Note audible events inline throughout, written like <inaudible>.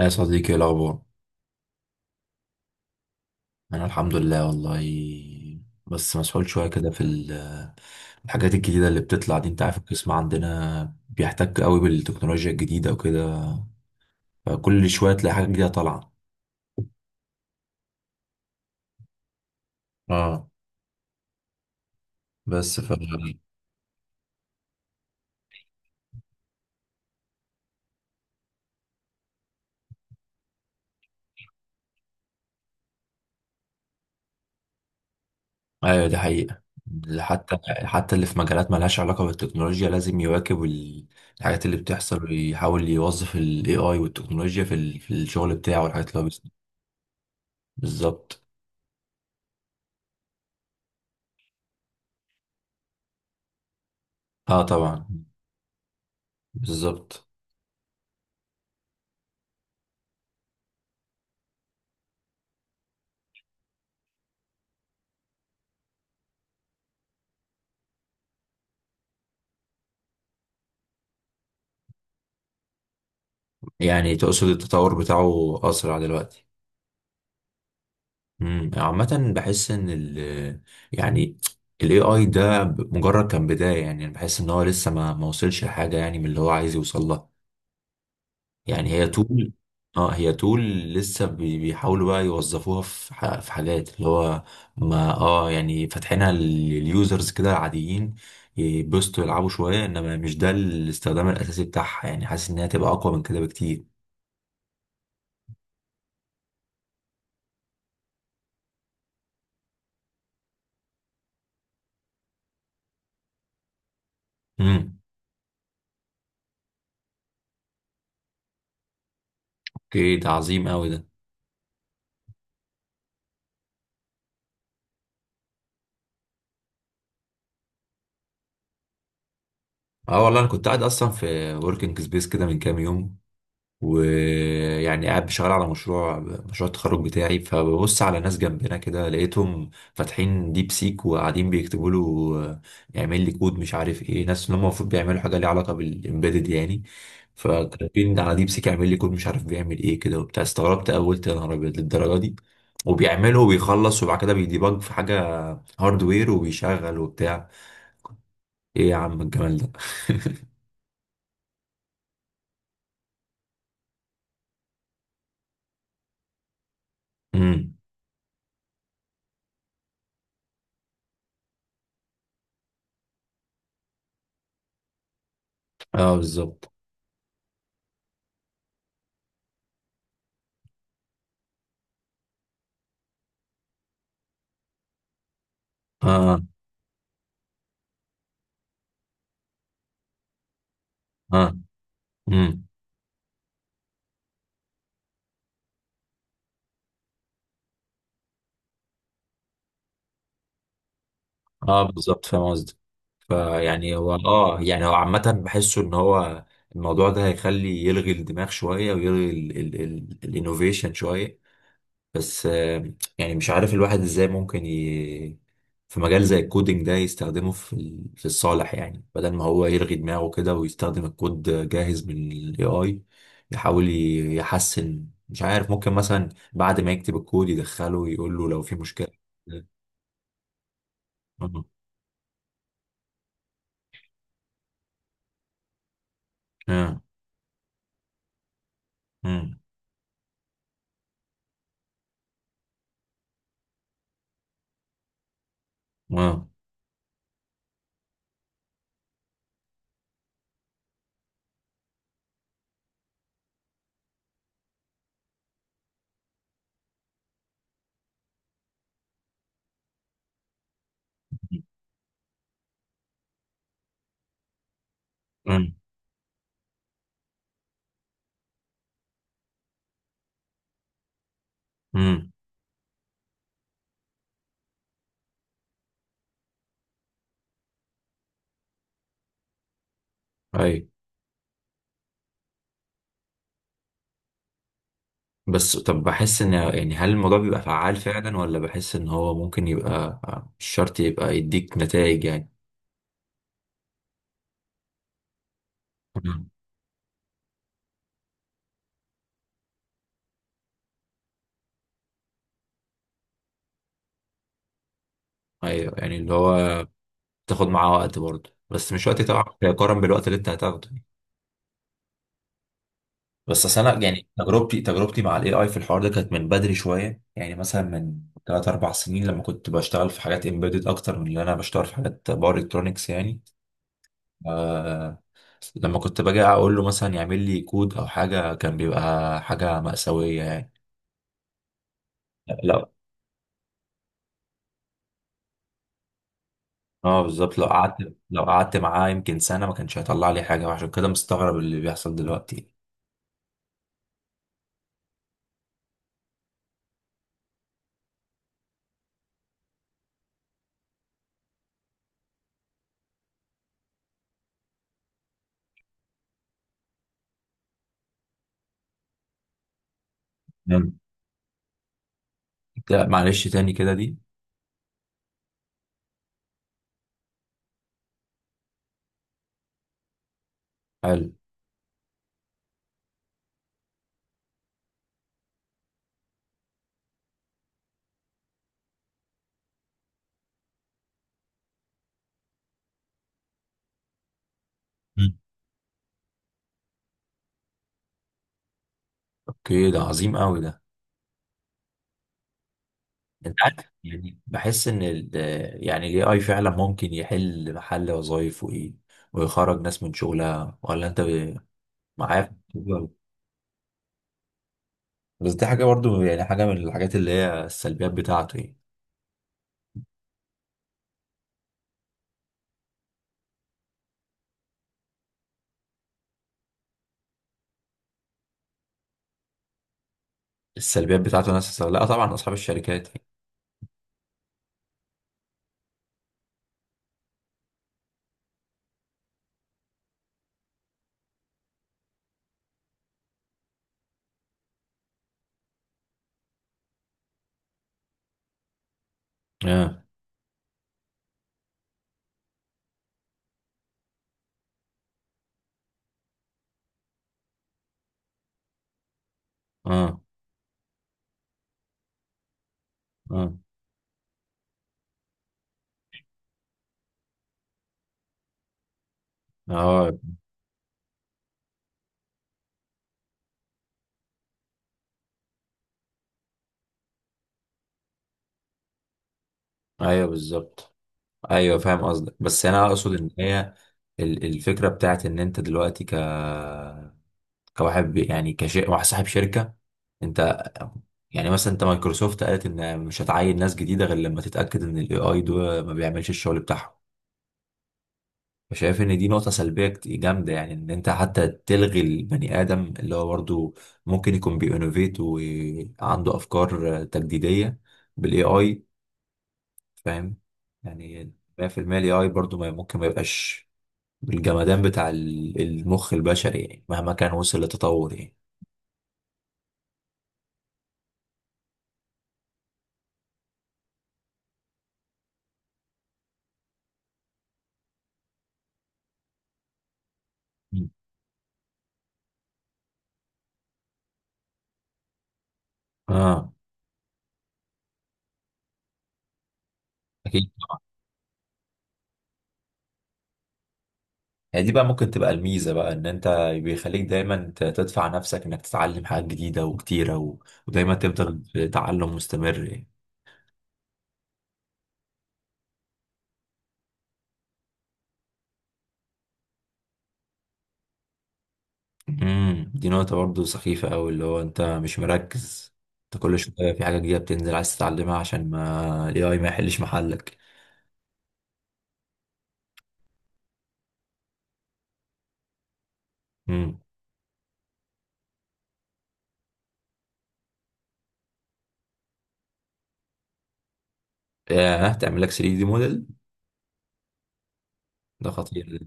يا صديقي، إيه الأخبار؟ أنا الحمد لله والله. بس مسحول شوية كده الحاجات الجديدة اللي بتطلع دي. أنت عارف، القسم عندنا بيحتك قوي بالتكنولوجيا الجديدة وكده، فكل شوية تلاقي حاجة جديدة طالعة. اه. بس ف أيوة، دي حقيقة. حتى حتى اللي في مجالات مالهاش علاقة بالتكنولوجيا لازم يواكب الحاجات اللي بتحصل، ويحاول يوظف ال AI والتكنولوجيا في في الشغل بتاعه والحاجات اللي هو بالظبط. اه طبعا. بالظبط. يعني تقصد التطور بتاعه أسرع دلوقتي. عامة بحس إن ال، يعني ال AI ده مجرد كان بداية. يعني أنا بحس إن هو لسه ما وصلش لحاجة، يعني من اللي هو عايز يوصل لها. يعني هي طول. اه، هي طول لسه بيحاولوا بقى يوظفوها في في حاجات اللي هو ما يعني فاتحينها لليوزرز كده عاديين، يبسطوا يلعبوا شوية، إنما مش ده الاستخدام الأساسي بتاعها. يعني حاسس إنها تبقى أقوى من كده بكتير. امم اوكي، ده عظيم قوي ده. اه والله، انا كنت قاعد اصلا في وركينج سبيس كده من كام يوم، ويعني قاعد بشتغل على مشروع التخرج بتاعي. فببص على ناس جنبنا كده، لقيتهم فاتحين ديب سيك وقاعدين بيكتبوا له آه، يعمل لي كود مش عارف ايه. ناس اللي هم المفروض بيعملوا حاجه ليها علاقه بالامبيدد يعني، فكاتبين على ديب سيك يعمل لي كود مش عارف بيعمل ايه كده وبتاع. استغربت أوي، قلت يا نهار ابيض للدرجه دي. وبيعمله وبيخلص، وبعد كده بيديبج في حاجه هاردوير وبيشغل وبتاع. ايه يا عم الجمال ده! <laughs> مم. اه بالظبط. اه. اه. امم. اه بالظبط، فاهم قصدي. فيعني هو، اه يعني هو عامة بحسه ان هو الموضوع ده هيخلي يلغي الدماغ شوية، ويلغي الانوفيشن شوية. بس يعني مش عارف الواحد ازاي ممكن ي... في مجال زي الكودينج ده يستخدمه في في الصالح. يعني بدل ما هو يلغي دماغه كده ويستخدم الكود جاهز من الاي اي، يحاول يحسن. مش عارف، ممكن مثلا بعد ما يكتب الكود يدخله يقول له لو في مشكلة. مم. مم. مم. مم. مم. مم. اي. بس طب، بحس ان، يعني هل الموضوع بيبقى فعال فعلا، ولا بحس ان هو ممكن يبقى مش شرط يبقى يديك نتائج يعني. ايوه، يعني اللي هو بتاخد معاه وقت برضه، بس مش وقت طبعا يقارن بالوقت اللي انت هتاخده يعني. بس أصل أنا، يعني تجربتي مع الاي اي في الحوار ده كانت من بدري شوية. يعني مثلا من 3 4 سنين، لما كنت بشتغل في حاجات امبيدد أكتر من اللي أنا بشتغل في حاجات باور إلكترونكس يعني. آه. لما كنت باجي أقول له مثلا يعمل لي كود أو حاجة، كان بيبقى حاجة مأساوية يعني. لا. اه بالظبط. لو قعدت معاه يمكن سنة ما كانش هيطلع لي حاجة، وعشان كده مستغرب اللي بيحصل دلوقتي. لا معلش، تاني كده دي. حلو. مم. اوكي، ده عظيم قوي ده. انت عارف، يعني بحس ان ال، يعني الاي اي فعلا ممكن يحل محل وظايف وايه، ويخرج ناس من شغلها. ولا انت معايا؟ بس دي حاجه برضو، يعني حاجه من الحاجات اللي هي السلبيات بتاعته يعني. السلبيات بتاعته ناس، لا طبعا، اصحاب الشركات. اه. اه. اه. اه. ايوه بالظبط. ايوه فاهم قصدك. بس انا اقصد ان هي الفكره بتاعت ان انت دلوقتي ك، كواحد يعني كشيء واحد صاحب شركة انت. يعني مثلا انت، مايكروسوفت قالت ان مش هتعين ناس جديدة غير لما تتأكد ان الاي اي ده ما بيعملش الشغل بتاعهم. فشايف ان دي نقطة سلبية جامدة يعني، ان انت حتى تلغي البني ادم اللي هو برضو ممكن يكون بينوفيت وعنده افكار تجديدية بالاي اي. فاهم؟ يعني 100% الاي اي برضو ما ممكن ما يبقاش بالجمدان بتاع المخ البشري يعني، مهما كان وصل لتطور يعني. اه اكيد. هي دي بقى ممكن تبقى الميزة بقى، ان انت بيخليك دايما تدفع نفسك انك تتعلم حاجات جديدة وكتيرة و... ودايما تفضل في تعلم مستمر يعني. امم، دي نقطة برضه سخيفة قوي، اللي هو انت مش مركز، انت كل شوية في حاجة جديدة بتنزل عايز تتعلمها عشان ما ال AI ما يحلش محلك. امم. ياه، تعمل لك 3 دي موديل؟ ده خطير ده.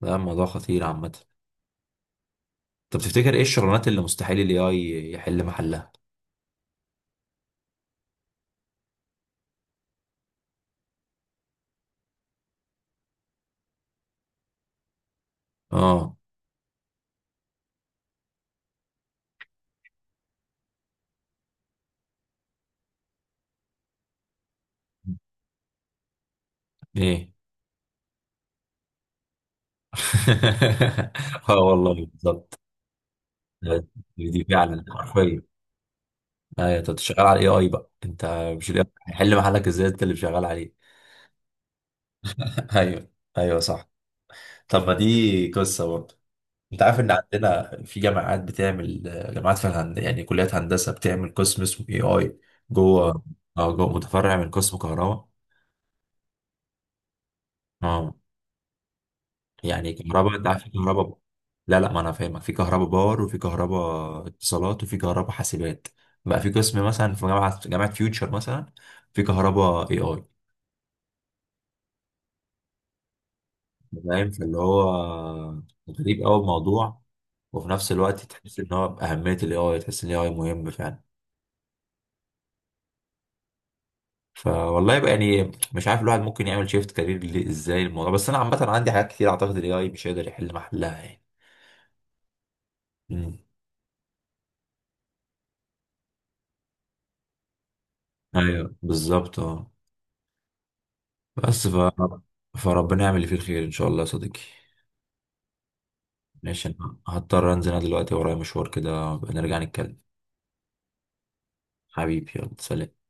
ده موضوع خطير عامة. طب تفتكر ايه الشغلانات اللي مستحيل ال AI يحل محلها؟ اه. ايه؟ <laughs> اه والله بالظبط. دي فعلا حرفيا. ايوه، انت شغال على الاي اي بقى انت، مش ال AI هيحل محلك ازاي، انت اللي شغال عليه. <laughs> ايوه. ايوه صح. طب ما دي قصه برضه، انت عارف ان عندنا في جامعات بتعمل، جامعات في الهند يعني كليات هندسه، بتعمل قسم اسمه اي اي. اه جوه. اه، جو متفرع من قسم كهرباء. اه. يعني كهرباء، انت عارف في كهرباء، لا لا، ما انا فاهمك، في كهرباء باور وفي كهرباء اتصالات وفي كهرباء حاسبات، بقى في قسم مثلا في جامعه فيوتشر مثلا في كهرباء اي اي. فاهم؟ فاللي هو غريب قوي الموضوع، وفي نفس الوقت تحس ان هو باهميه الاي اي، تحس ان الاي اي مهم فعلا. فوالله يبقى، يعني مش عارف الواحد ممكن يعمل شيفت كارير ليه، ازاي الموضوع. بس انا عامه عندي حاجات كتير اعتقد الاي اي مش هيقدر يحل محلها يعني. امم. ايوه بالظبط اه. بس ف فربنا يعمل اللي فيه الخير ان شاء الله يا صديقي. ماشي، انا هضطر انزل انا دلوقتي، ورايا مشوار كده بقى، نرجع نتكلم. حبيبي، يلا سلام.